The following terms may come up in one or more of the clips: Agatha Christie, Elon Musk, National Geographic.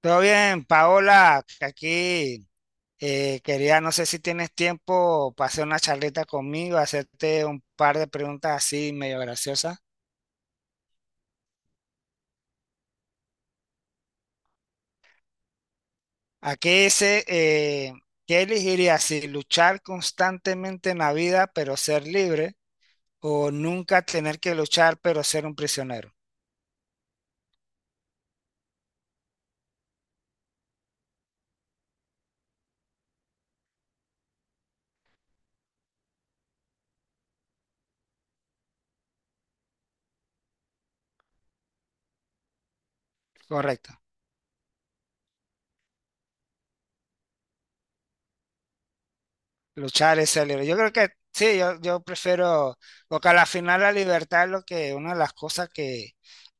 Todo bien, Paola, que aquí quería, no sé si tienes tiempo para hacer una charlita conmigo, hacerte un par de preguntas así medio graciosas. Aquí dice, ¿qué elegirías si luchar constantemente en la vida pero ser libre o nunca tener que luchar pero ser un prisionero? Correcto, luchar es ser libre. Yo creo que sí, yo prefiero, porque a la final la libertad es lo que, una de las cosas que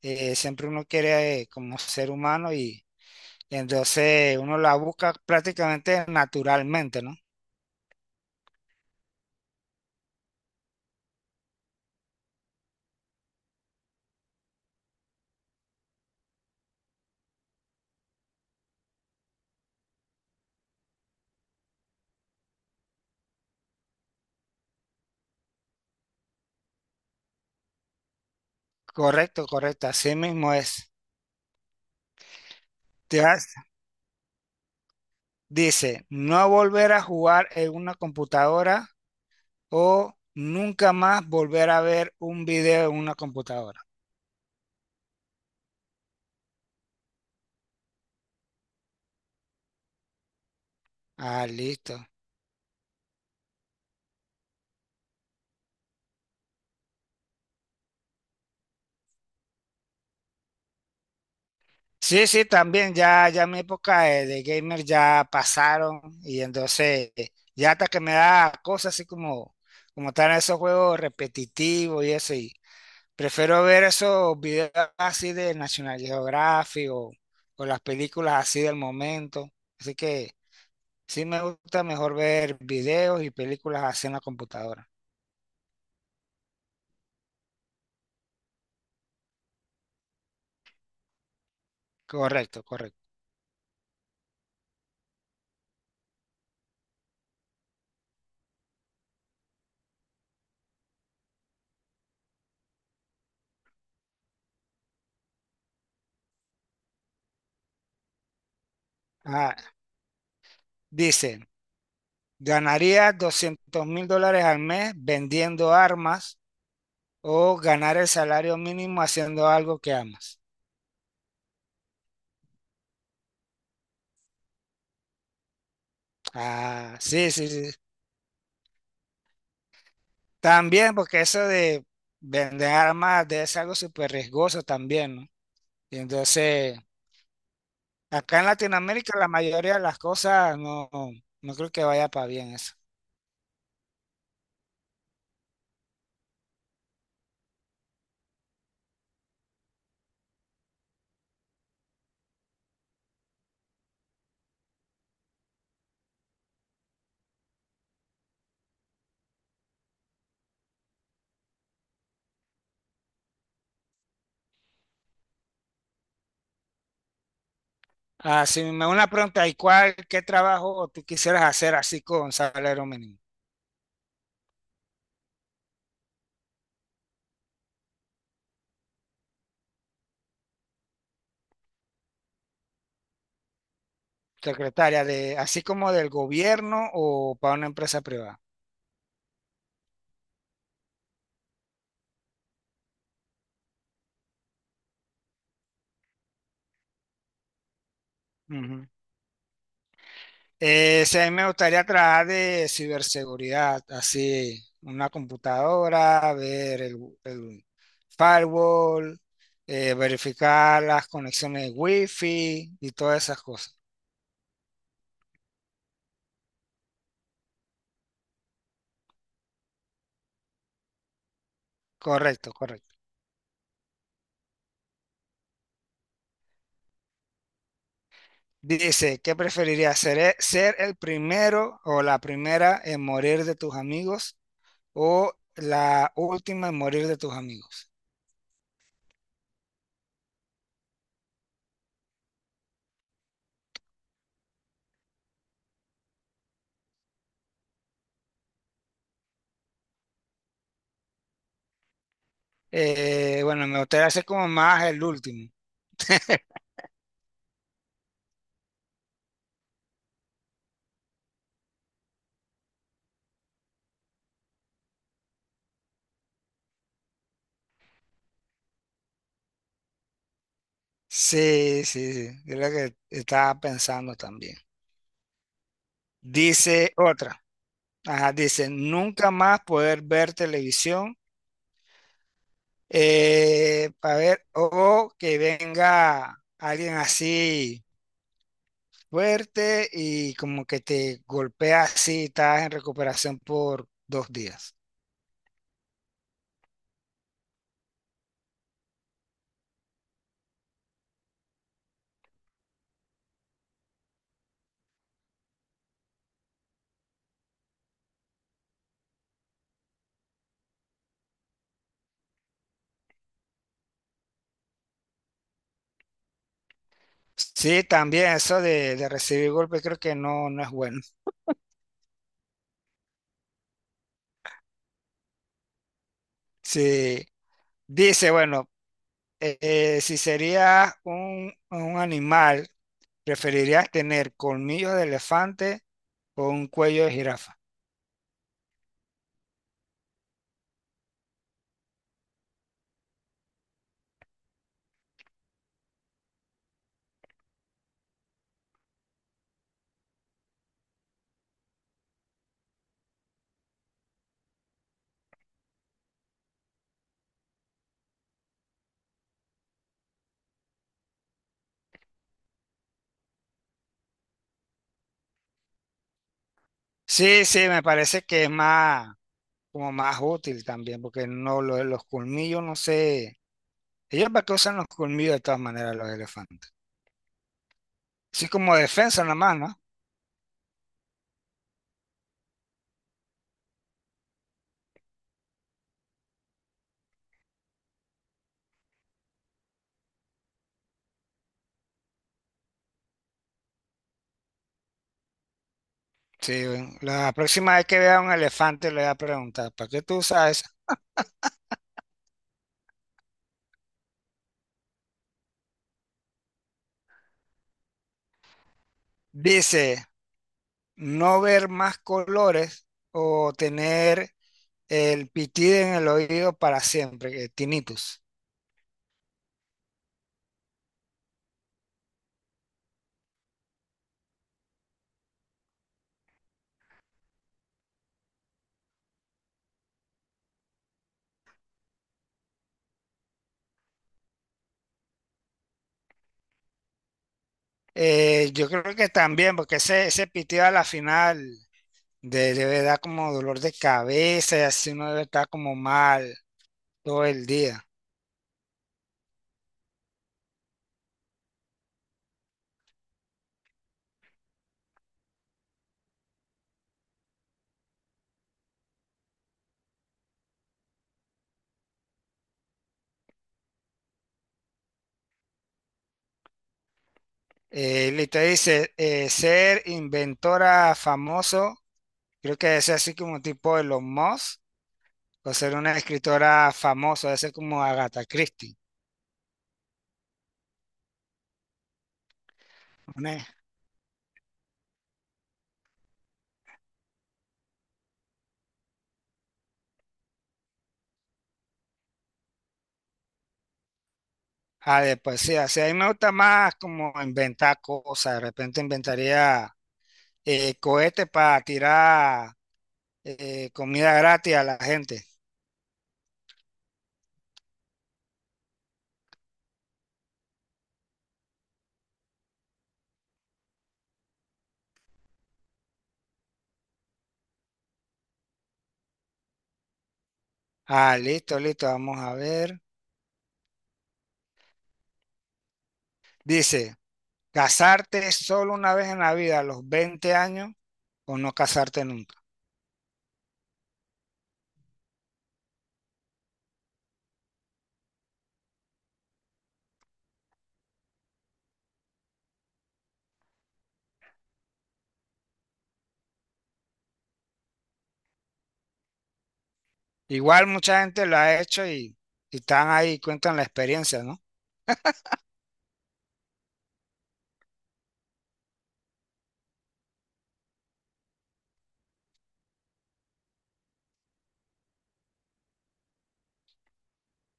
siempre uno quiere como ser humano y entonces uno la busca prácticamente naturalmente, ¿no? Correcto, correcto, así mismo es. Te vas- dice, no volver a jugar en una computadora o nunca más volver a ver un video en una computadora. Ah, listo. Sí, sí, también ya, ya mi época de gamer ya pasaron y entonces ya hasta que me da cosas así como están esos juegos repetitivos y eso. Prefiero ver esos videos así de National Geographic o las películas así del momento. Así que sí me gusta mejor ver videos y películas así en la computadora. Correcto, correcto. Ah, dice, ¿ganaría $200.000 al mes vendiendo armas o ganar el salario mínimo haciendo algo que amas? Ah, sí, sí, sí. También porque eso de vender armas de es algo súper riesgoso también, ¿no? Y entonces... Acá en Latinoamérica la mayoría de las cosas no, no creo que vaya para bien eso. Ah, si me una pregunta, ¿y cuál, qué trabajo tú quisieras hacer así con salario mínimo? Secretaria, así como del gobierno o para una empresa privada. Ujú. Sí, a mí me gustaría trabajar de ciberseguridad, así, una computadora, ver el firewall, verificar las conexiones de wifi y todas esas cosas. Correcto, correcto. Dice, ¿qué preferirías? ¿Ser el primero o la primera en morir de tus amigos o la última en morir de tus amigos? Bueno, me gustaría ser como más el último. Sí, sí, sí, es lo que estaba pensando también. Dice otra, ajá, dice, nunca más poder ver televisión para ver o que venga alguien así fuerte y como que te golpea así, estás en recuperación por 2 días. Sí, también eso de recibir golpes creo que no, no es bueno. Sí, dice, bueno, si sería un animal, ¿preferirías tener colmillos de elefante o un cuello de jirafa? Sí, sí, me parece que es más, como más útil también, porque no, lo de los colmillos, no sé, ellos para qué usan los colmillos de todas maneras los elefantes. Sí, como defensa nada más, ¿no? Sí, la próxima vez que vea un elefante le voy a preguntar, ¿para qué tú usas esa? Dice, no ver más colores o tener el pitido en el oído para siempre, que tinnitus. Yo creo que también, porque ese pitido a la final debe dar como dolor de cabeza y así uno debe estar como mal todo el día. Listo, dice, ser inventora famoso. Creo que debe ser así como tipo Elon Musk, o ser una escritora famosa, debe ser como Agatha Christie, una de poesía. Sí, a mí me gusta más como inventar cosas, de repente inventaría cohetes para tirar comida gratis a la gente. Ah, listo, listo, vamos a ver. Dice, ¿casarte solo una vez en la vida a los 20 años o no casarte nunca? Igual mucha gente lo ha hecho y están ahí, cuentan la experiencia, ¿no?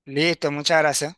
Listo, muchas gracias.